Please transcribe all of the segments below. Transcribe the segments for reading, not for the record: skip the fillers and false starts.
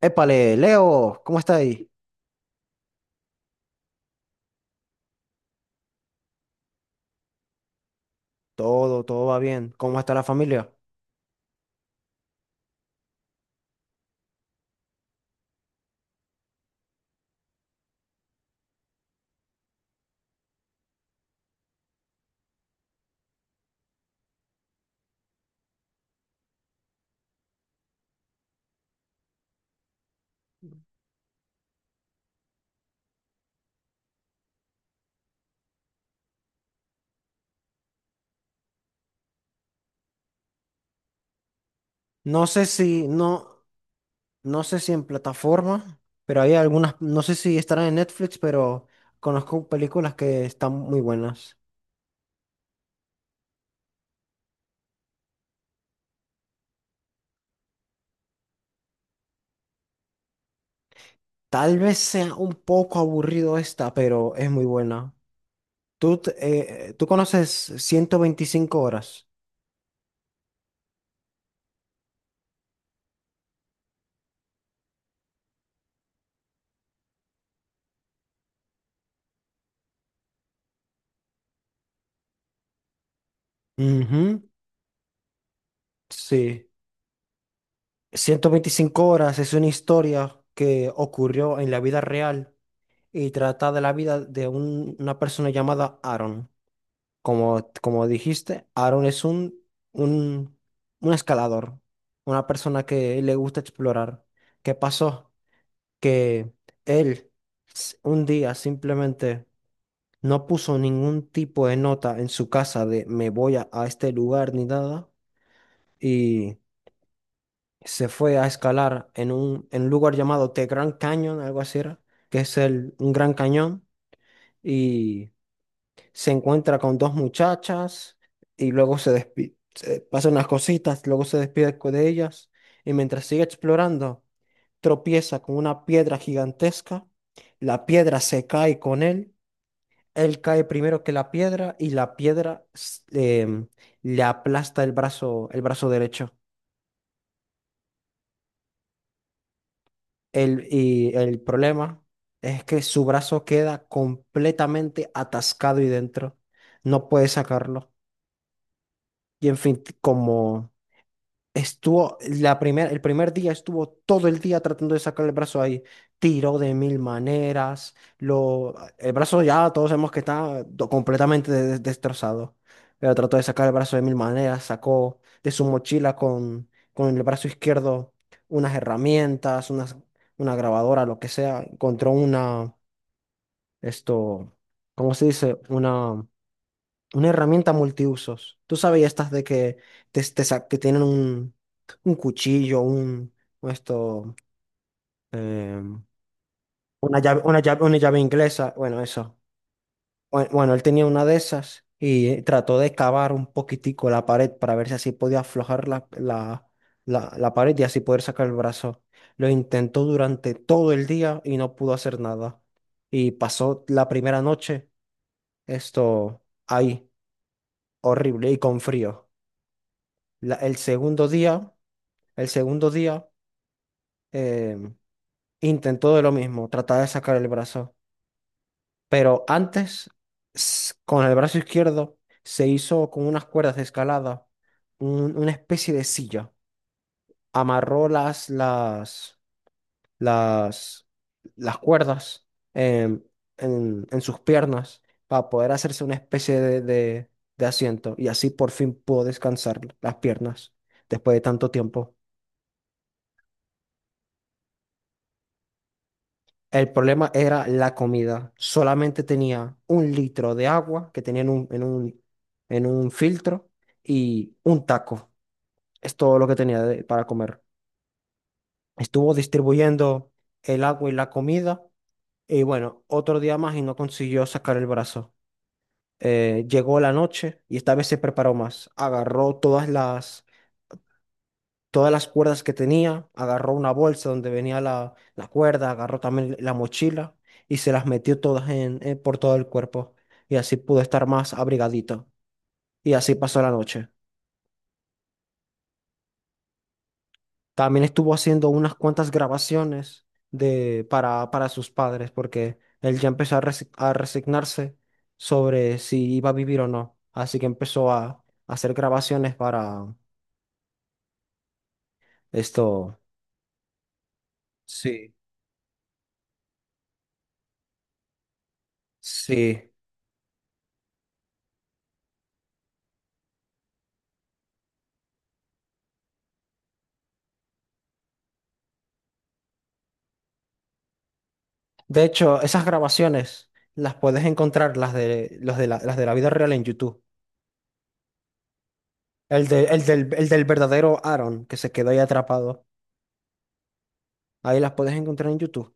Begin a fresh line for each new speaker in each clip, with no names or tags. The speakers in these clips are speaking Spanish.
Épale, Leo, ¿cómo está ahí? Todo va bien. ¿Cómo está la familia? No sé si, no, no sé si en plataforma, pero hay algunas, no sé si estarán en Netflix, pero conozco películas que están muy buenas. Tal vez sea un poco aburrido esta, pero es muy buena. ¿Tú, tú conoces 125 horas? Ujú, sí. 125 horas es una historia que ocurrió en la vida real y trata de la vida de una persona llamada Aaron. Como, como dijiste, Aaron es un, un escalador, una persona que le gusta explorar. ¿Qué pasó? Que él un día simplemente no puso ningún tipo de nota en su casa de me voy a este lugar ni nada y se fue a escalar en un lugar llamado The Grand Canyon, algo así era, que es el, un gran cañón. Y se encuentra con dos muchachas y luego se despide, pasan unas cositas, luego se despide de ellas y mientras sigue explorando, tropieza con una piedra gigantesca, la piedra se cae con él, él cae primero que la piedra y la piedra em, le aplasta el brazo derecho. Y el problema es que su brazo queda completamente atascado y dentro. No puede sacarlo. Y en fin, como estuvo el primer día, estuvo todo el día tratando de sacar el brazo ahí. Tiró de mil maneras. Lo, el brazo ya todos sabemos que está completamente destrozado. Pero trató de sacar el brazo de mil maneras. Sacó de su mochila con el brazo izquierdo unas herramientas, unas, una grabadora, lo que sea. Encontró una, esto, ¿cómo se dice? Una herramienta multiusos. Tú sabes estas de que, te, que tienen un cuchillo, un esto, em, una llave, una llave, una llave inglesa. Bueno, eso. Bueno, él tenía una de esas y trató de cavar un poquitico la pared para ver si así podía aflojar la, la, la, la pared y así poder sacar el brazo. Lo intentó durante todo el día y no pudo hacer nada. Y pasó la primera noche, esto ahí, horrible y con frío. El segundo día, el segundo día eh, intentó de lo mismo, tratar de sacar el brazo, pero antes con el brazo izquierdo se hizo con unas cuerdas de escalada una especie de silla, amarró las las cuerdas em, en sus piernas para poder hacerse una especie de asiento y así por fin pudo descansar las piernas después de tanto tiempo. El problema era la comida. Solamente tenía un litro de agua que tenía en un, en un, en un filtro y un taco. Es todo lo que tenía para comer. Estuvo distribuyendo el agua y la comida y bueno, otro día más y no consiguió sacar el brazo. Llegó la noche y esta vez se preparó más. Agarró todas las cuerdas que tenía, agarró una bolsa donde venía la, la cuerda, agarró también la mochila y se las metió todas en, por todo el cuerpo. Y así pudo estar más abrigadito. Y así pasó la noche. También estuvo haciendo unas cuantas grabaciones de, para sus padres, porque él ya empezó a, a resignarse sobre si iba a vivir o no. Así que empezó a hacer grabaciones para esto. Sí, sí. De hecho, esas grabaciones las puedes encontrar, las de, los de la, las de la vida real en YouTube. El del verdadero Aaron, que se quedó ahí atrapado. Ahí las puedes encontrar en YouTube.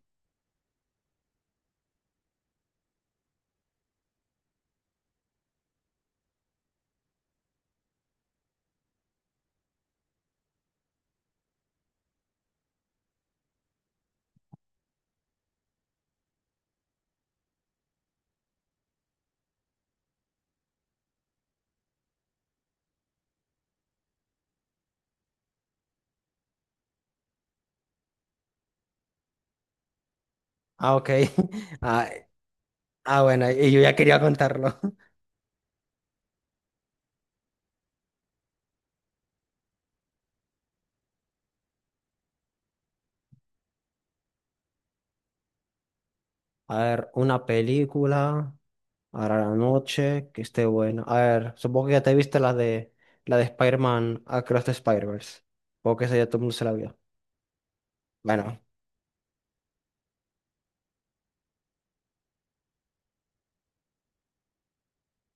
Ah, ok. Ah, bueno, y yo ya quería contarlo. A ver, una película, ahora la noche, que esté buena. A ver, supongo que ya te viste la de Spider-Man Across the Spider-Verse. Supongo que esa ya todo el mundo se la vio. Bueno,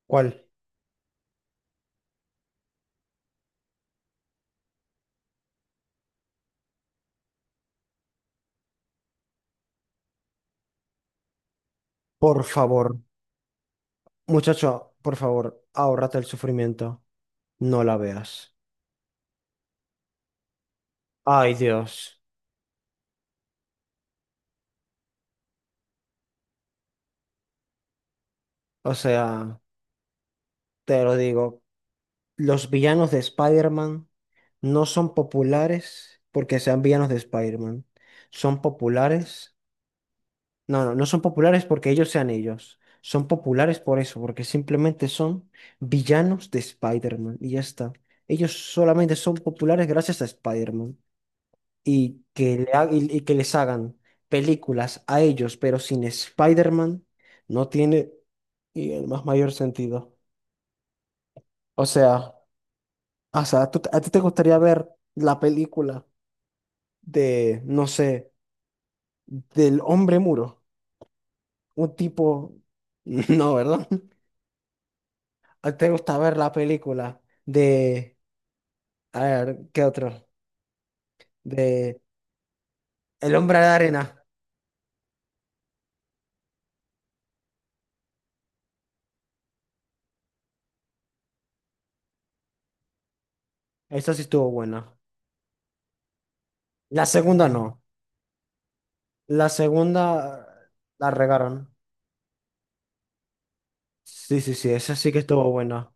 ¿cuál? Por favor, muchacho, por favor, ahórrate el sufrimiento. No la veas. Ay, Dios. O sea, te lo digo, los villanos de Spider-Man no son populares porque sean villanos de Spider-Man. Son populares. No, no, no son populares porque ellos sean ellos. Son populares por eso, porque simplemente son villanos de Spider-Man. Y ya está. Ellos solamente son populares gracias a Spider-Man. Y que, y que les hagan películas a ellos, pero sin Spider-Man, no tiene y el más mayor sentido. O sea, o sea, a ti te gustaría ver la película de, no sé, del hombre muro? Un tipo... No, ¿verdad? ¿A ti te gusta ver la película de... A ver, ¿qué otro? De el hombre de arena. Esa sí estuvo buena. La segunda no. La segunda la regaron. Sí, sí, sí, esa sí que estuvo buena.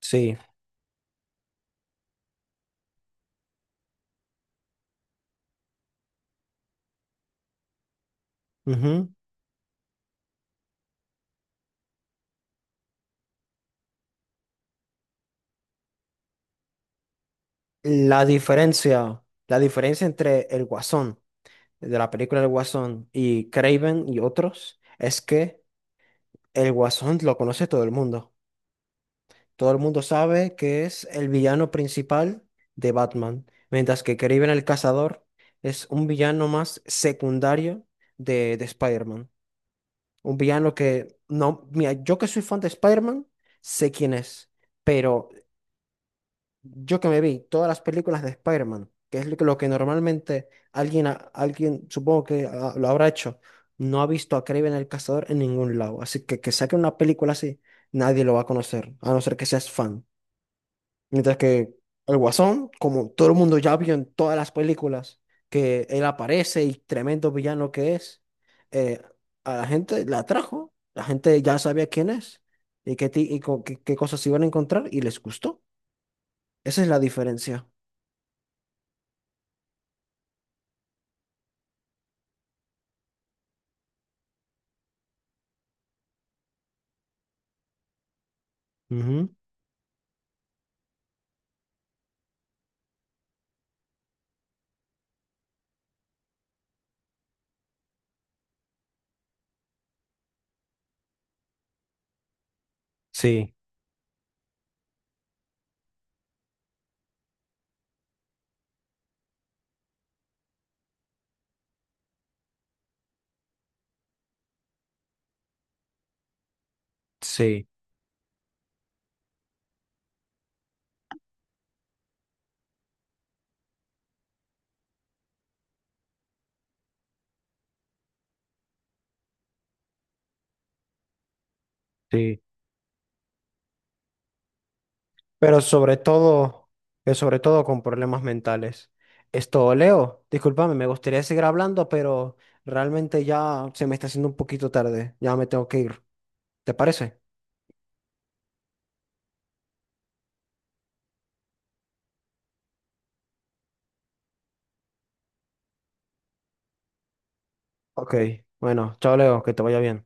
Sí. Ujú. La diferencia, la diferencia entre el Guasón, de la película El Guasón, y Craven y otros, es que el Guasón lo conoce todo el mundo. Todo el mundo sabe que es el villano principal de Batman, mientras que Craven el Cazador es un villano más secundario de Spider-Man. Un villano que, no, mira, yo que soy fan de Spider-Man, sé quién es, pero yo que me vi todas las películas de Spider-Man, que es lo que normalmente alguien, alguien supongo que lo habrá hecho, no ha visto a Kraven el Cazador en ningún lado. Así que saque una película así, nadie lo va a conocer, a no ser que seas fan. Mientras que el Guasón, como todo el mundo ya vio en todas las películas, que él aparece y tremendo villano que es, eh, a la gente la atrajo, la gente ya sabía quién es y qué, qué qué cosas se iban a encontrar y les gustó. Esa es la diferencia. Ujú, sí, sí, sí. Pero sobre todo, pero sobre todo con problemas mentales. Esto, Leo, discúlpame, me gustaría seguir hablando, pero realmente ya se me está haciendo un poquito tarde. Ya me tengo que ir. ¿Te parece? Ok, bueno, chao, Leo, que te vaya bien.